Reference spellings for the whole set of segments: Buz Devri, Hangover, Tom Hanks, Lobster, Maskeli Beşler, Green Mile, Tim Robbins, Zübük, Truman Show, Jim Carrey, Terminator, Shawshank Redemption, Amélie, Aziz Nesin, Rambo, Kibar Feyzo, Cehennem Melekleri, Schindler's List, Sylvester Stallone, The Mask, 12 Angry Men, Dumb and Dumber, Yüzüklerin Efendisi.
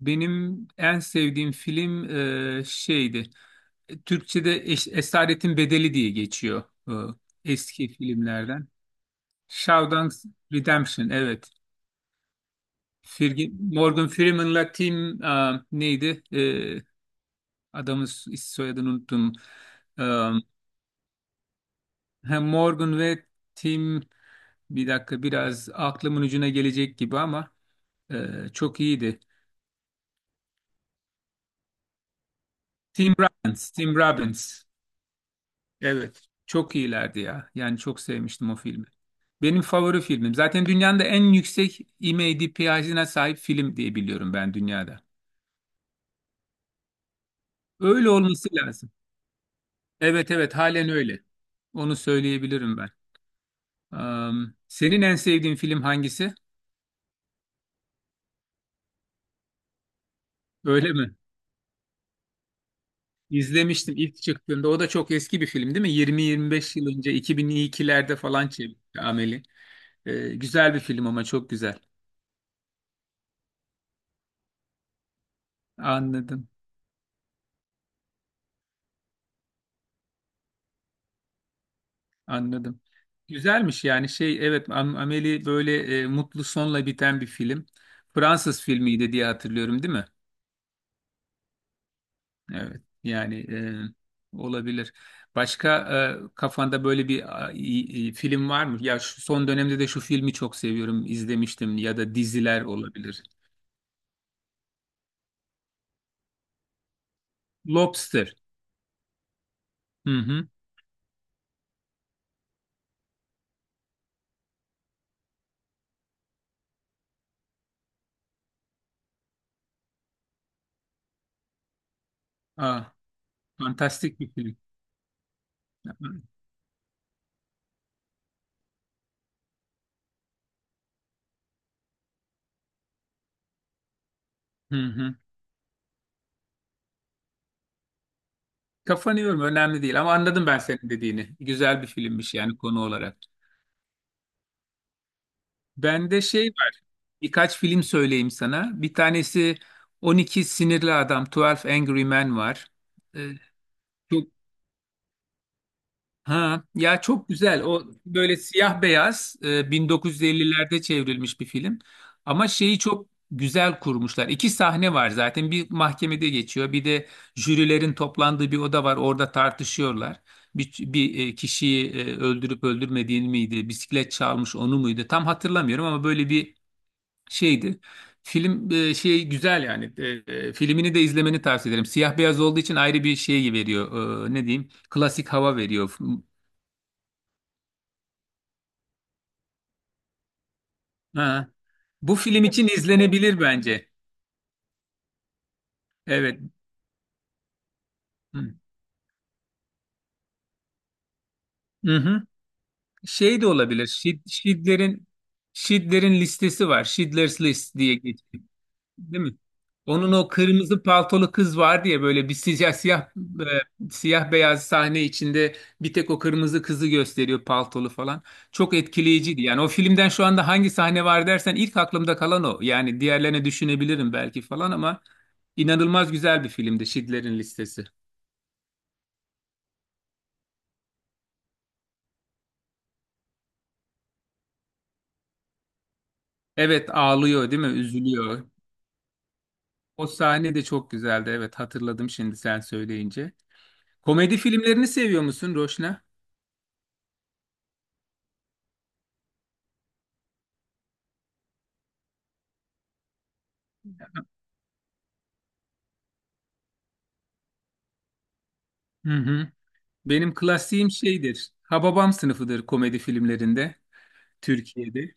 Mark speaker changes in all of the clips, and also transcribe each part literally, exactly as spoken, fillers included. Speaker 1: Benim en sevdiğim film e, şeydi. Türkçe'de Eş- Esaretin Bedeli diye geçiyor e, eski filmlerden. Shawshank Redemption, evet. Firgi- Morgan Freeman'la Tim e, neydi? E, adamın is- soyadını unuttum. E, Hem Morgan ve Tim, bir dakika, biraz aklımın ucuna gelecek gibi ama e, çok iyiydi. Tim Robbins, Tim Robbins. Evet, çok iyilerdi ya. Yani çok sevmiştim o filmi. Benim favori filmim. Zaten dünyanın da en yüksek IMDb'sine sahip film diye biliyorum ben, dünyada. Öyle olması lazım. Evet evet, halen öyle. Onu söyleyebilirim ben. Am, senin en sevdiğin film hangisi? Öyle mi? İzlemiştim ilk çıktığında. O da çok eski bir film değil mi? yirmi yirmi beş yıl önce, iki bin ikilerde falan çekti Amel'i. Ee, güzel bir film ama, çok güzel. Anladım. Anladım. Güzelmiş yani, şey, evet Am- Amélie böyle e, mutlu sonla biten bir film. Fransız filmiydi diye hatırlıyorum, değil mi? Evet yani, e, olabilir. Başka e, kafanda böyle bir a, i- i- film var mı? Ya şu son dönemde de şu filmi çok seviyorum izlemiştim, ya da diziler olabilir. Lobster. Hı hı. Aa, fantastik bir film. Hı hı. Kafanı yorma, önemli değil, ama anladım ben senin dediğini. Güzel bir filmmiş yani konu olarak. Bende şey var. Birkaç film söyleyeyim sana. Bir tanesi on iki Sinirli Adam, on iki Angry Men var. Ee, çok ha ya, çok güzel. O böyle siyah beyaz, e, bin dokuz yüz ellilerde çevrilmiş bir film. Ama şeyi çok güzel kurmuşlar. İki sahne var zaten. Bir mahkemede geçiyor. Bir de jürilerin toplandığı bir oda var. Orada tartışıyorlar. Bir, bir e, kişiyi e, öldürüp öldürmediğini miydi? Bisiklet çalmış, onu muydu? Tam hatırlamıyorum ama böyle bir şeydi. Film e, şey güzel yani. E, e, filmini de izlemeni tavsiye ederim. Siyah beyaz olduğu için ayrı bir şey veriyor. E, ne diyeyim? Klasik hava veriyor. Ha. Bu film için izlenebilir bence. Evet. Hı. Hı-hı. Şey de olabilir. Şid, Şidler'in Şidler'in listesi var. Schindler's List diye geçiyor. Değil mi? Onun o kırmızı paltolu kız var diye, böyle bir siyah siyah e, siyah beyaz sahne içinde bir tek o kırmızı kızı gösteriyor, paltolu falan. Çok etkileyiciydi. Yani o filmden şu anda hangi sahne var dersen, ilk aklımda kalan o. Yani diğerlerini düşünebilirim belki falan ama, inanılmaz güzel bir filmdi Schindler'in Listesi. Evet, ağlıyor değil mi? Üzülüyor. O sahne de çok güzeldi. Evet, hatırladım şimdi sen söyleyince. Komedi filmlerini seviyor musun Roşna? Hı hı. Benim klasiğim şeydir, Hababam Sınıfıdır komedi filmlerinde, Türkiye'de.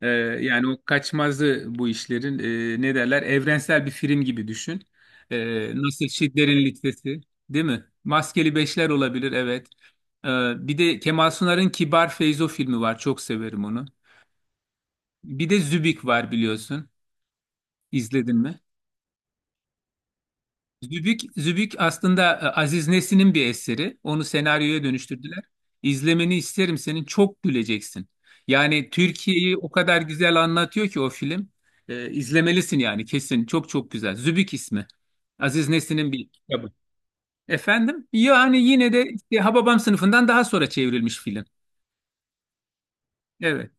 Speaker 1: Ee, Yani o kaçmazı bu işlerin, e, ne derler, evrensel bir film gibi düşün. Ee, nasıl Şitlerin Listesi değil mi? Maskeli Beşler olabilir, evet. Ee, bir de Kemal Sunar'ın Kibar Feyzo filmi var, çok severim onu. Bir de Zübük var biliyorsun. İzledin mi? Zübük, Zübük aslında e, Aziz Nesin'in bir eseri. Onu senaryoya dönüştürdüler. İzlemeni isterim senin. Çok güleceksin. Yani Türkiye'yi o kadar güzel anlatıyor ki o film. E, izlemelisin yani kesin. Çok çok güzel. Zübük ismi. Aziz Nesin'in bir kitabı. Efendim? Yani yine de işte Hababam Sınıfından daha sonra çevrilmiş film. Evet.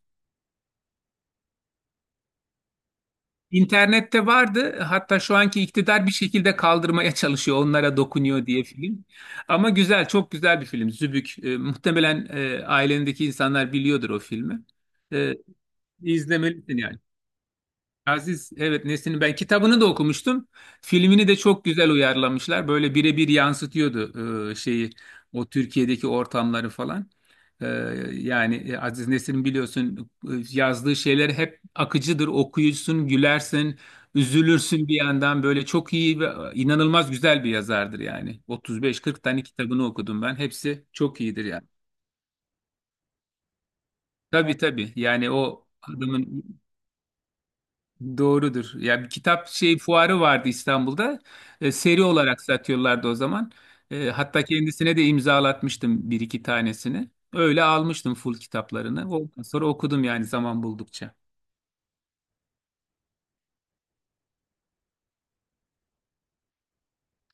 Speaker 1: İnternette vardı. Hatta şu anki iktidar bir şekilde kaldırmaya çalışıyor. Onlara dokunuyor diye film. Ama güzel, çok güzel bir film, Zübük. E, muhtemelen e, ailendeki insanlar biliyordur o filmi. E, izlemelisin yani. Aziz, evet, Nesin'in ben kitabını da okumuştum. Filmini de çok güzel uyarlamışlar. Böyle birebir yansıtıyordu e, şeyi, o Türkiye'deki ortamları falan. E, Yani e, Aziz Nesin biliyorsun, e, yazdığı şeyler hep akıcıdır. Okuyucusun, gülersin, üzülürsün bir yandan. Böyle çok iyi ve inanılmaz güzel bir yazardır yani. otuz beş kırk tane kitabını okudum ben. Hepsi çok iyidir yani. Tabii tabii. Yani o adamın. Doğrudur. Ya, bir kitap şey fuarı vardı İstanbul'da. E, seri olarak satıyorlardı o zaman. E, hatta kendisine de imzalatmıştım bir iki tanesini. Öyle almıştım full kitaplarını. Ondan sonra okudum yani, zaman buldukça.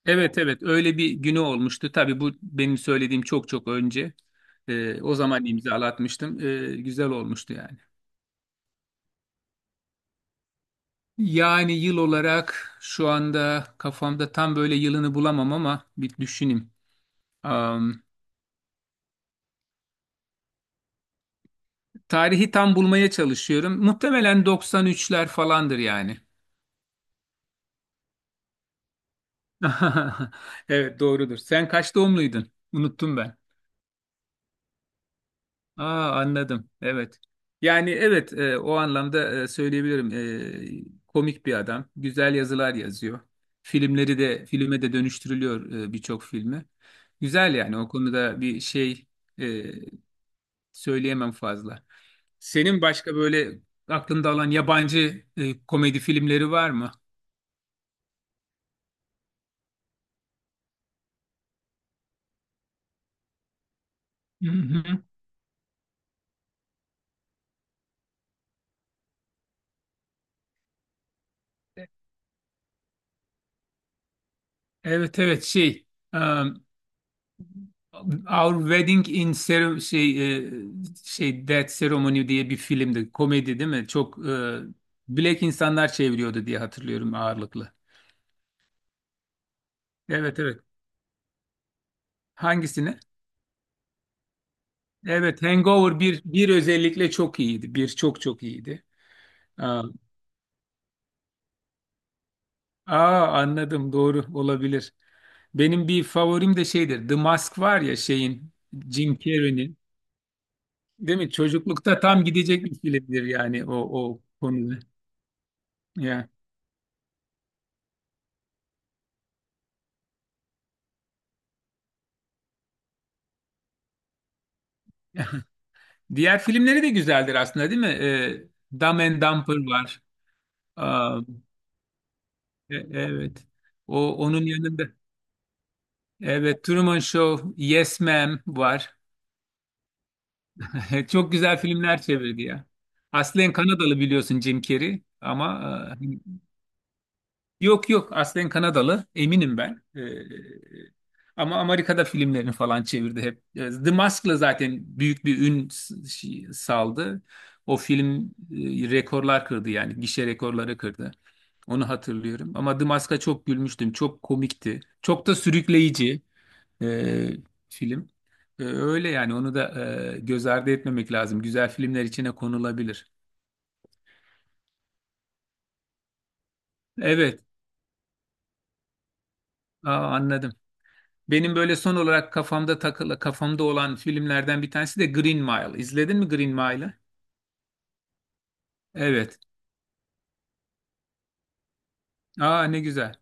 Speaker 1: Evet evet, öyle bir günü olmuştu. Tabii bu benim söylediğim çok çok önce. E, o zaman imzalatmıştım. E, güzel olmuştu yani. Yani yıl olarak şu anda kafamda tam böyle yılını bulamam ama, bir düşüneyim. Tarihi tam bulmaya çalışıyorum. Muhtemelen doksan üçler falandır yani. Evet, doğrudur. Sen kaç doğumluydun? Unuttum ben. Aa, anladım. Evet. Yani evet, e, o anlamda e, söyleyebilirim. E, komik bir adam. Güzel yazılar yazıyor. Filmleri de filme de dönüştürülüyor, e, birçok filmi. Güzel yani, o konuda bir şey e, söyleyemem fazla. Senin başka böyle aklında olan yabancı e, komedi filmleri var mı? Evet evet, şey, um, Our Wedding in Cere- şey e, şey Death Ceremony diye bir filmdi. Komedi, değil mi? Çok e, Black insanlar çeviriyordu diye hatırlıyorum, ağırlıklı. Evet evet. Hangisini? Evet, Hangover bir bir özellikle çok iyiydi. Bir, çok çok iyiydi. Aa, aa, anladım, doğru olabilir. Benim bir favorim de şeydir. The Mask var ya, şeyin, Jim Carrey'nin, değil mi? Çocuklukta tam gidecek bir filmdir yani, o o konuda. Ya. Diğer filmleri de güzeldir aslında, değil mi? E, Dumb and Dumber var. Aa, e- evet. O onun yanında. Evet, Truman Show, Yes Ma'am var. Çok güzel filmler çevirdi ya. Aslen Kanadalı biliyorsun Jim Carrey ama e, hani. Yok yok, aslen Kanadalı, eminim ben. Ee, ama Amerika'da filmlerini falan çevirdi hep. Ee, The Mask'la zaten büyük bir ün s- şey- saldı. O film e, rekorlar kırdı yani, gişe rekorları kırdı. Onu hatırlıyorum. Ama The Mask'a çok gülmüştüm. Çok komikti. Çok da sürükleyici e, film. E, öyle yani, onu da e, göz ardı etmemek lazım. Güzel filmler içine konulabilir. Evet. Aa, anladım. Benim böyle son olarak kafamda takılı, kafamda olan filmlerden bir tanesi de Green Mile. İzledin mi Green Mile'ı? Evet. Aa, ne güzel.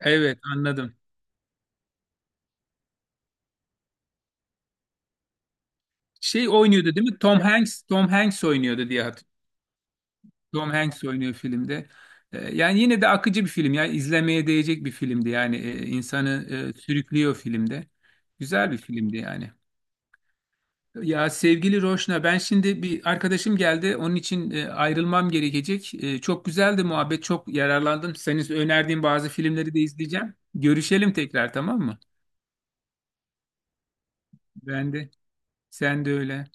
Speaker 1: Evet, anladım. Şey oynuyordu, değil mi? Tom Hanks, Tom Hanks oynuyordu diye hatırlıyorum. Tom Hanks oynuyor filmde. Ee, yani yine de akıcı bir film. Yani izlemeye değecek bir filmdi. Yani e, insanı e, sürüklüyor filmde. Güzel bir filmdi yani. Ya sevgili Roşna, ben şimdi, bir arkadaşım geldi. Onun için e, ayrılmam gerekecek. E, çok güzeldi muhabbet, çok yararlandım. Senin önerdiğin bazı filmleri de izleyeceğim. Görüşelim tekrar, tamam mı? Ben de, sen de öyle.